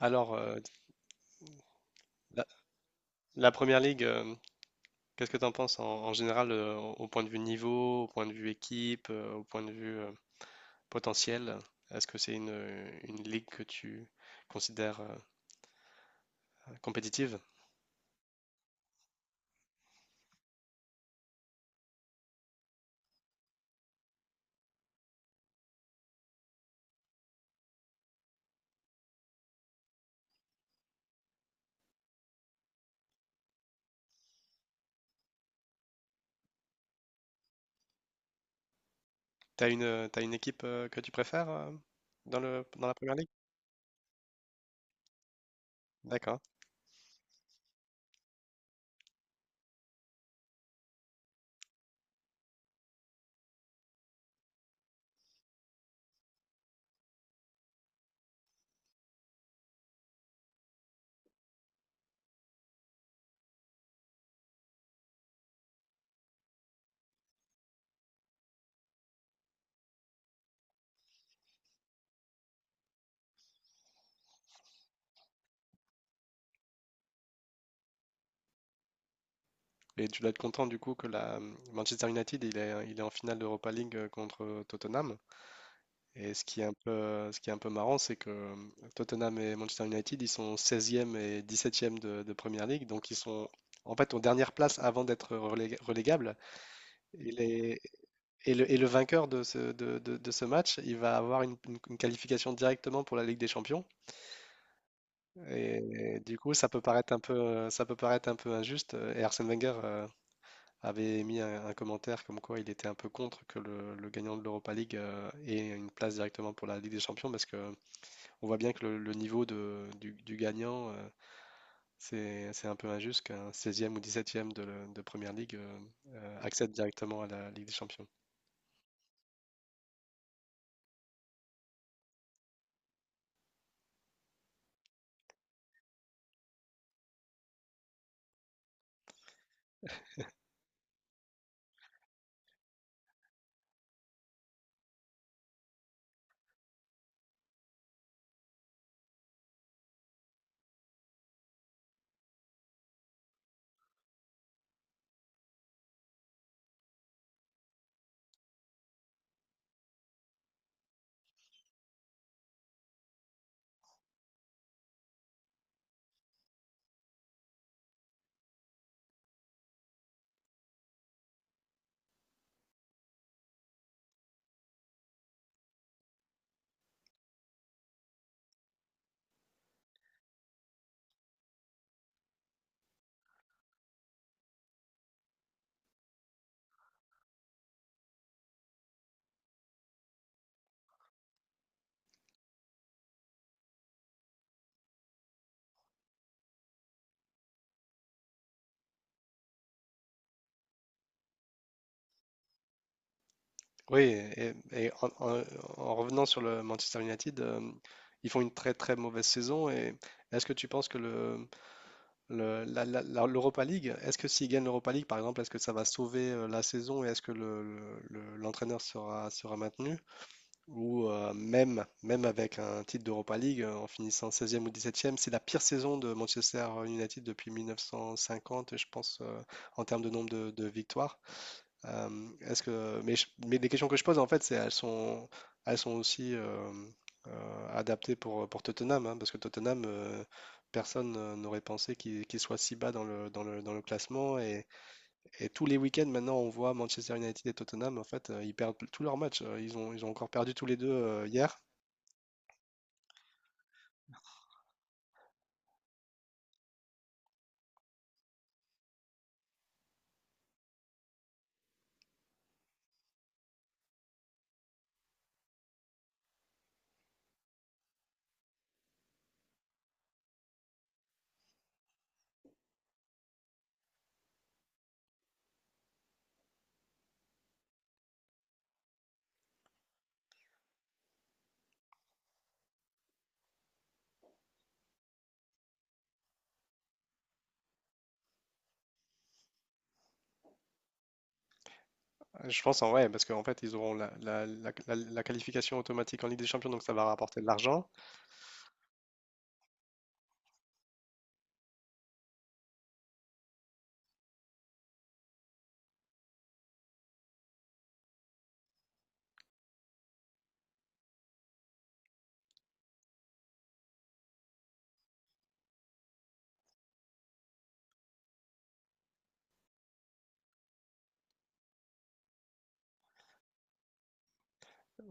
Alors, euh, la, la première ligue, qu'est-ce que tu en penses en général au point de vue niveau, au point de vue équipe, au point de vue potentiel? Est-ce que c'est une ligue que tu considères compétitive? T'as une équipe que tu préfères dans dans la première ligue? D'accord. Et tu dois être content du coup que la Manchester United il est en finale d'Europa League contre Tottenham. Et ce qui est un peu marrant, c'est que Tottenham et Manchester United, ils sont seizième et dix-septième de Premier League, donc ils sont en fait aux dernières places avant d'être relégables. Et, les- et et le vainqueur de de ce match, il va avoir une qualification directement pour la Ligue des Champions. Et, du coup, ça peut paraître un peu injuste. Et Arsène Wenger avait mis un commentaire comme quoi il était un peu contre que le gagnant de l'Europa League ait une place directement pour la Ligue des Champions parce que on voit bien que le niveau du gagnant, c'est un peu injuste qu'un seizième ou dix-septième de Première Ligue accède directement à la Ligue des Champions. Oui, et, en revenant sur le Manchester United, ils font une très très mauvaise saison. Et est-ce que tu penses que l'Europa League, est-ce que s'ils gagnent l'Europa League, par exemple, est-ce que ça va sauver la saison et est-ce que l'entraîneur sera maintenu? Ou même, même avec un titre d'Europa League, en finissant seizième ou dix-septième, c'est la pire saison de Manchester United depuis 1950, je pense, en termes de nombre de victoires. Est-ce que, mais, je- Mais les questions que je pose, en fait, c'est elles sont aussi adaptées pour Tottenham, hein, parce que Tottenham, personne n'aurait pensé qu'il soit si bas dans dans le classement. Et tous les week-ends, maintenant, on voit Manchester United et Tottenham. En fait, ils perdent tous leurs matchs. Ils ont encore perdu tous les deux hier. Je pense en vrai, parce qu'en fait, ils auront la qualification automatique en Ligue des Champions, donc ça va rapporter de l'argent.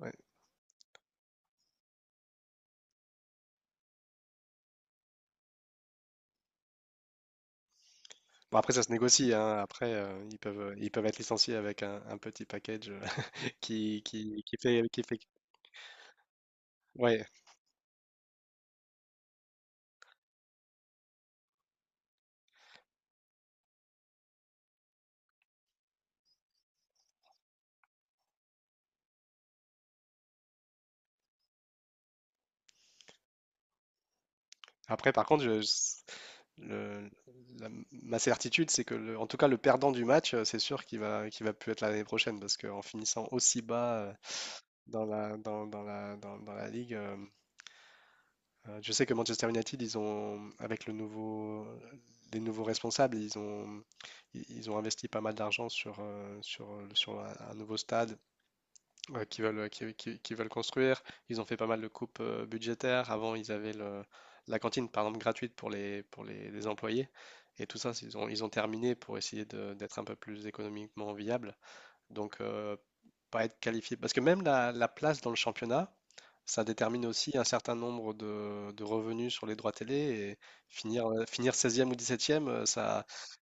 Ouais. Bon, après, ça se négocie, hein. Après, ils peuvent être licenciés avec un petit package qui fait. Ouais. Après, par contre, le- ma certitude, c'est que, en tout cas, le perdant du match, c'est sûr qu'il va plus être là l'année prochaine, parce qu'en finissant aussi bas dans dans la ligue, je sais que Manchester United, avec le nouveau, les nouveaux responsables, ils ont investi pas mal d'argent sur un nouveau stade. Ouais, qui veulent, qui veulent construire. Ils ont fait pas mal de coupes budgétaires. Avant, la cantine, par exemple, gratuite pour les employés. Et tout ça, c'est, ils ont terminé pour essayer d'être un peu plus économiquement viable. Donc, pas être qualifié. Parce que même la place dans le championnat, ça détermine aussi un certain nombre de revenus sur les droits télé. Et finir, finir seizième ou dix septième ça,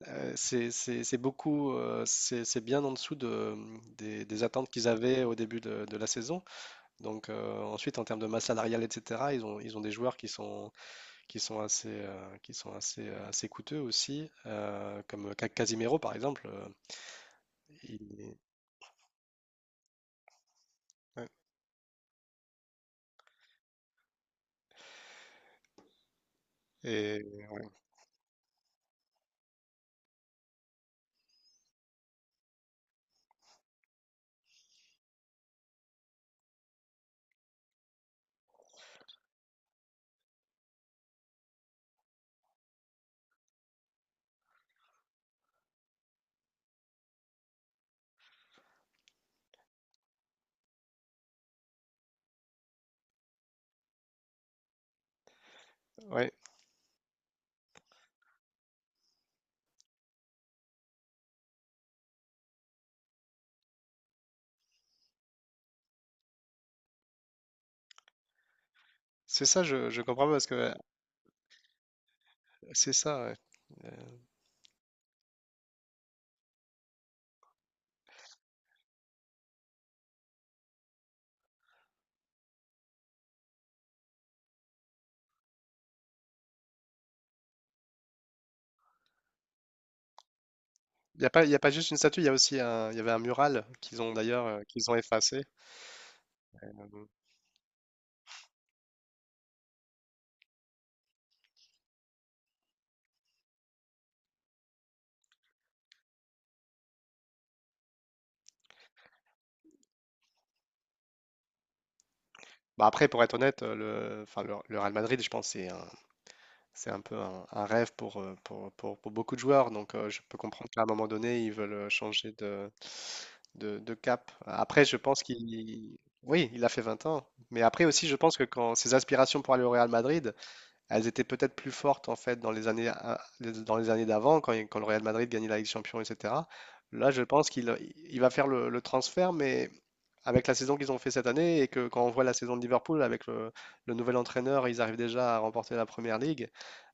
c'est beaucoup, c'est bien en dessous des attentes qu'ils avaient au début de la saison. Donc ensuite, en termes de masse salariale, etc., ils ont des joueurs qui sont assez, assez coûteux aussi, comme Casimiro par exemple. Euh, il est- ouais. Et ouais, c'est ça, je comprends pas parce que ouais, c'est ça. Il n'y a pas, Y a pas juste une statue, il y a aussi y avait un mural qu'ils ont d'ailleurs qu'ils ont effacé. Bon. Bah après, pour être honnête, le Real Madrid, je pense, c'est un peu un rêve pour beaucoup de joueurs, donc je peux comprendre qu'à un moment donné, ils veulent changer de cap. Après, je pense qu'il... Oui, il a fait 20 ans, mais après aussi, je pense que quand ses aspirations pour aller au Real Madrid, elles étaient peut-être plus fortes en fait dans les années, dans les années d'avant, quand le Real Madrid gagnait la Ligue des Champions, etc. Là, je pense qu'il il va faire le transfert, mais avec la saison qu'ils ont fait cette année et que quand on voit la saison de Liverpool avec le nouvel entraîneur, ils arrivent déjà à remporter la première ligue.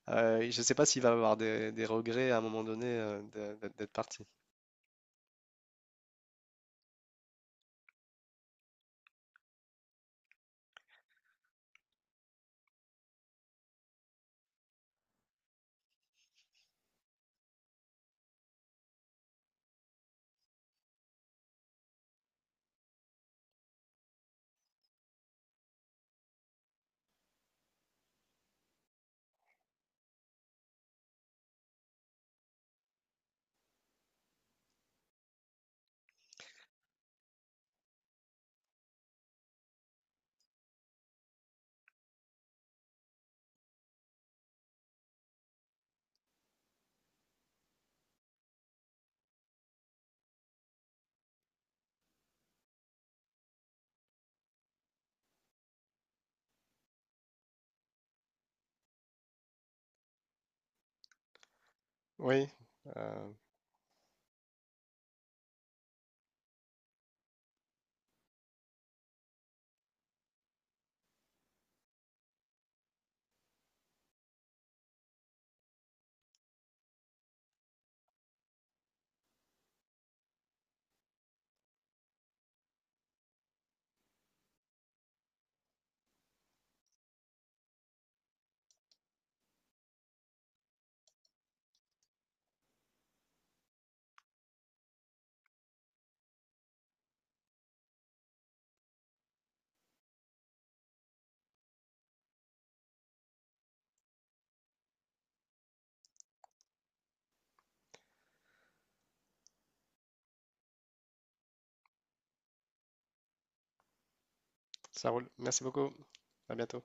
Je ne sais pas s'il va avoir des regrets à un moment donné d'être d'être parti. Oui, euh, ça roule. Merci beaucoup. À bientôt.